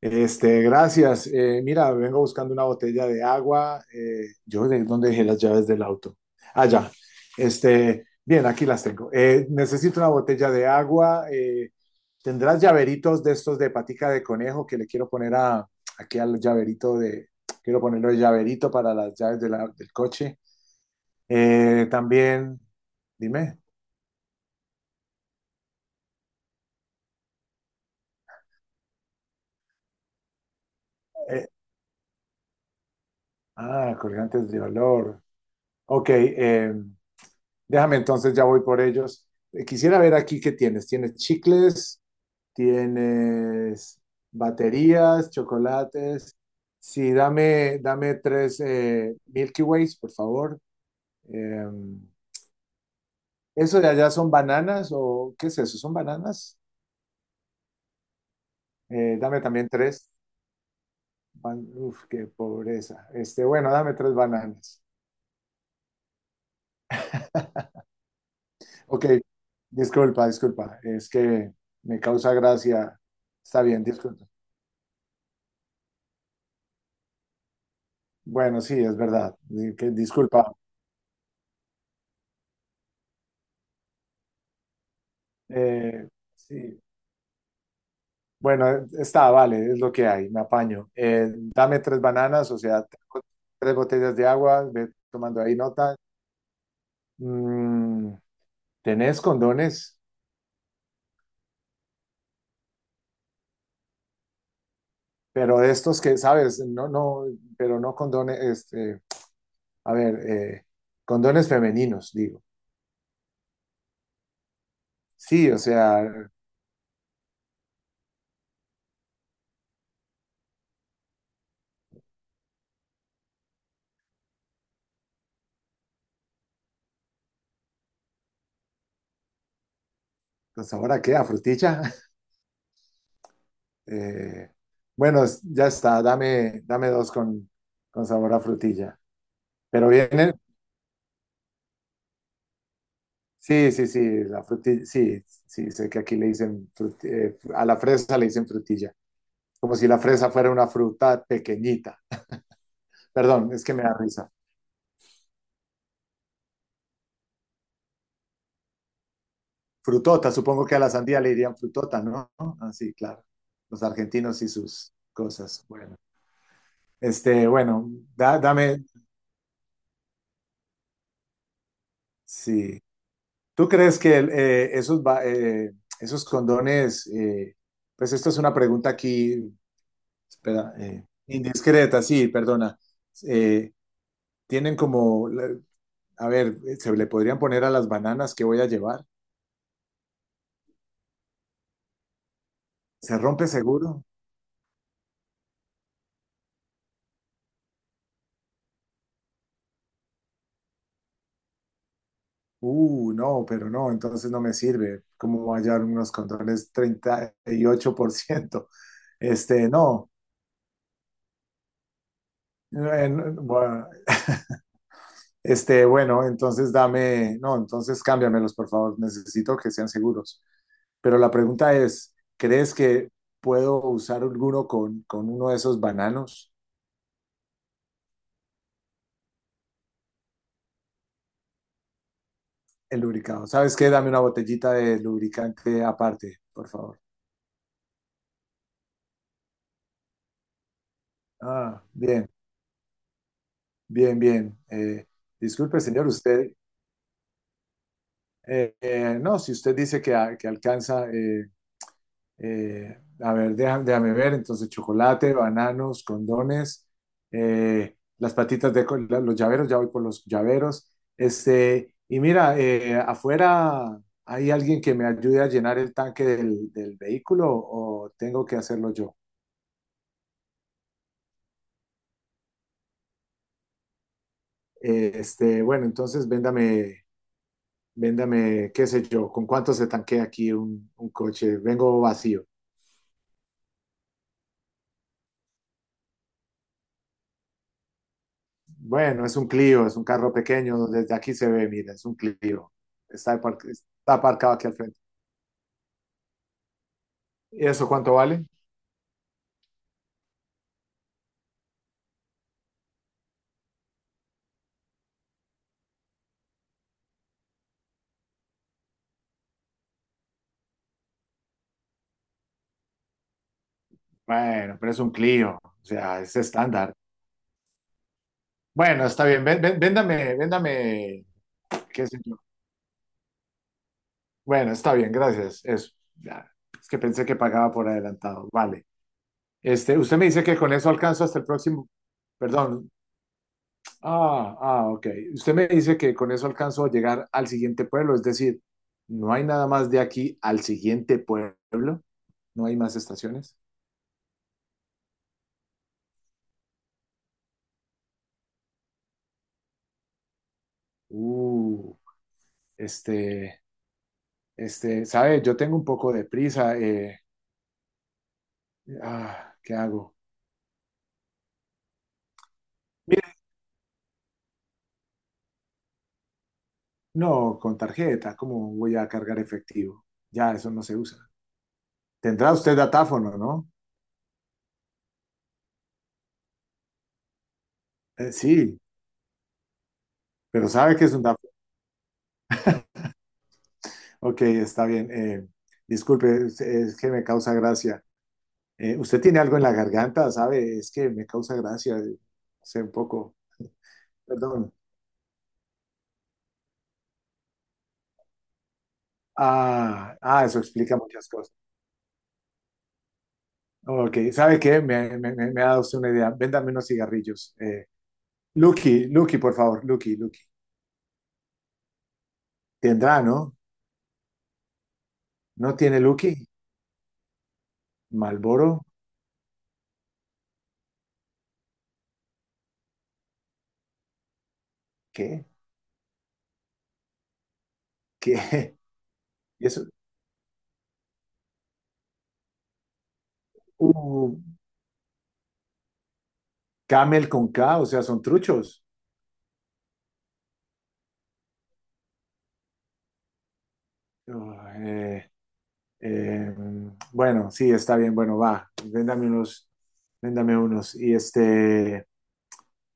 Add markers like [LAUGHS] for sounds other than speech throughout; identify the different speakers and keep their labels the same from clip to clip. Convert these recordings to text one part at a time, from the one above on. Speaker 1: Este, gracias. Mira, vengo buscando una botella de agua. ¿De dónde dejé las llaves del auto? Ah, ya. Este, bien, aquí las tengo. Necesito una botella de agua. ¿Tendrás llaveritos de estos de patica de conejo que le quiero poner a, aquí al llaverito de, quiero ponerle el llaverito para las llaves del coche? También, dime. Eh, Colgantes de olor. Ok, déjame entonces, ya voy por ellos. Quisiera ver aquí qué tienes. Tienes chicles, tienes baterías, chocolates. Sí, dame tres Milky Ways, por favor. Eh, ¿Eso de allá son bananas o qué es eso? ¿Son bananas? Dame también tres. Uf, qué pobreza. Este, bueno, dame tres bananas. Ok, disculpa, disculpa. Es que me causa gracia. Está bien, disculpa. Bueno, sí, es verdad. Ah, disculpa. Eh, sí. Bueno, está, vale, es lo que hay, me apaño. Dame tres bananas, o sea, tres botellas de agua, ve tomando ahí nota. Mm, Tenés condones, pero de estos que, sabes, no, no, pero no condones, este, a ver, condones femeninos, digo. Sí, o sea, pues ahora qué, a frutilla. [LAUGHS] Eh, bueno, ya está, dame dos con sabor a frutilla. Pero viene, sí, sí, sí, la frutilla, sí, sí, sé que aquí le dicen, a la fresa le dicen frutilla, como si la fresa fuera una fruta pequeñita. Perdón, es que me da risa. Frutota, supongo que a la sandía le dirían frutota, ¿no? Ah, sí, claro. Los argentinos y sus cosas. Bueno, este, bueno, dame, sí. ¿Tú crees que esos condones, pues esto es una pregunta aquí, espera, indiscreta, sí, perdona? Eh, Tienen como, a ver, se le podrían poner a las bananas que voy a llevar. ¿Se rompe seguro? No, pero no, entonces no me sirve. ¿Cómo voy a hallar unos controles 38%? Este, no. No, bueno, este, bueno, entonces dame, no, entonces cámbiamelos, por favor. Necesito que sean seguros. Pero la pregunta es, ¿crees que puedo usar alguno con uno de esos bananos? El lubricado. ¿Sabes qué? Dame una botellita de lubricante aparte, por favor. Ah, bien, bien, bien. Disculpe, señor, usted. No, si usted dice que, que alcanza. A ver, déjame ver. Entonces, chocolate, bananos, condones, las patitas de los llaveros. Ya voy por los llaveros. Este, y mira, afuera hay alguien que me ayude a llenar el tanque del vehículo, o tengo que hacerlo yo. Este, bueno, entonces véndame, véndame, qué sé yo, ¿con cuánto se tanquea aquí un coche? Vengo vacío. Bueno, es un Clio, es un carro pequeño, desde aquí se ve, mira, es un Clio. Está aparcado aquí al frente. ¿Y eso cuánto vale? Bueno, pero es un Clio, o sea, es estándar. Bueno, está bien, véndame, véndame, qué sé yo. Bueno, está bien, gracias, eso. Ya, es que pensé que pagaba por adelantado, vale. Este, usted me dice que con eso alcanzo hasta el próximo, perdón. Ah, ok. Usted me dice que con eso alcanzo a llegar al siguiente pueblo, es decir, no hay nada más de aquí al siguiente pueblo, no hay más estaciones. Uh, este, este, ¿sabe? Yo tengo un poco de prisa. ¿Qué hago? Mire, no, con tarjeta, ¿cómo voy a cargar efectivo? Ya, eso no se usa. Tendrá usted datáfono, ¿no? Sí, pero sabe que es un datáfono. Ok, está bien. Disculpe, es que me causa gracia. ¿Usted tiene algo en la garganta, sabe? Es que me causa gracia, sé un poco, perdón. Ah, eso explica muchas cosas. Ok, ¿sabe qué? Me ha dado usted una idea. Véndame unos cigarrillos. Lucky, Lucky, por favor, Lucky, Lucky. Tendrá, ¿no? ¿No tiene Lucky? ¿Malboro? ¿Qué? ¿Qué? [LAUGHS] ¿Y eso? Uh, Camel con K, o sea, son truchos. Uh, eh, eh, bueno, sí, está bien, bueno, va. Véndame unos, véndame unos. Y este,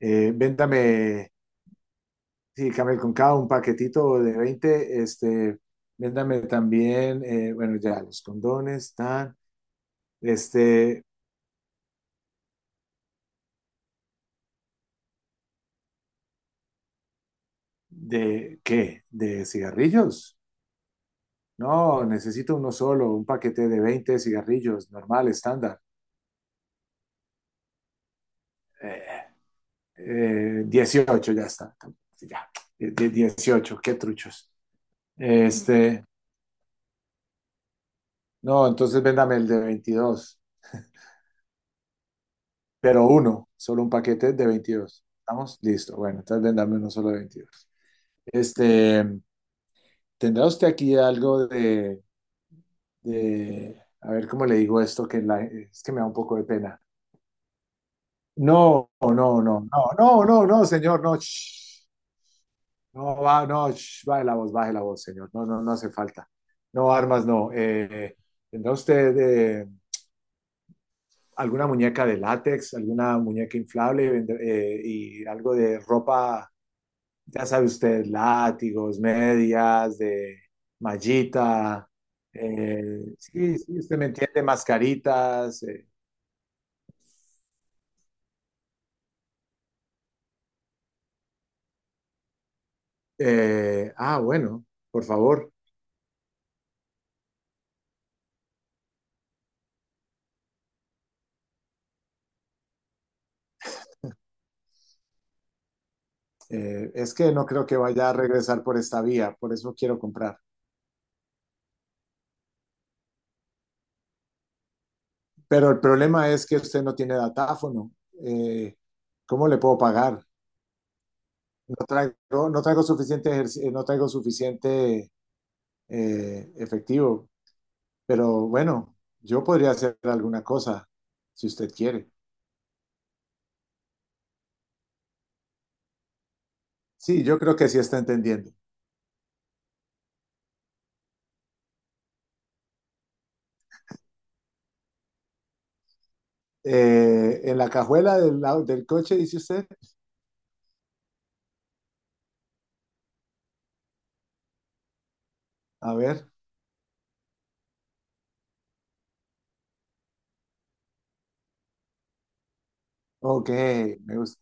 Speaker 1: véndame, sí, Camel con cada un paquetito de 20, este, véndame también, bueno, ya los condones, están, este, ¿de qué? ¿De cigarrillos? No, necesito uno solo, un paquete de 20 cigarrillos, normal, estándar. Eh, 18, ya está. Sí, ya, de 18, qué truchos. Este, no, entonces véndame el de 22, pero uno, solo un paquete de 22. ¿Estamos? Listo. Bueno, entonces ven, uno solo de 22. Este, ¿tendrá usted aquí algo de, a ver cómo le digo esto, es que me da un poco de pena? No, no, no, no, no, no, no, no, señor, no. Shh. No, va, no, shh, baje la voz, señor. No, no, no hace falta. No, armas, no. ¿Tendrá usted alguna muñeca de látex, alguna muñeca inflable y algo de ropa? Ya sabe usted, látigos, medias, de mallita, sí, sí, usted me entiende, mascaritas. Bueno, por favor. Es que no creo que vaya a regresar por esta vía, por eso quiero comprar. Pero el problema es que usted no tiene datáfono. eh, ¿Cómo le puedo pagar? No traigo suficiente, no traigo suficiente, efectivo, pero bueno, yo podría hacer alguna cosa si usted quiere. Sí, yo creo que sí está entendiendo. En la cajuela lado del coche, dice usted. A ver, ok, me gusta.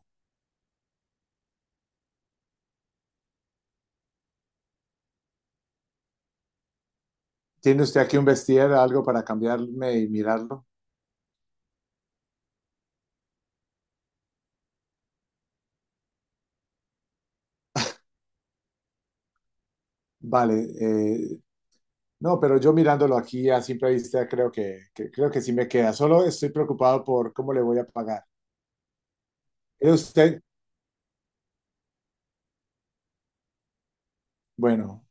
Speaker 1: ¿Tiene usted aquí un vestir, algo para cambiarme y mirarlo? Vale, no, pero yo mirándolo aquí a simple vista creo que sí me queda. Solo estoy preocupado por cómo le voy a pagar. ¿Cree usted? Bueno,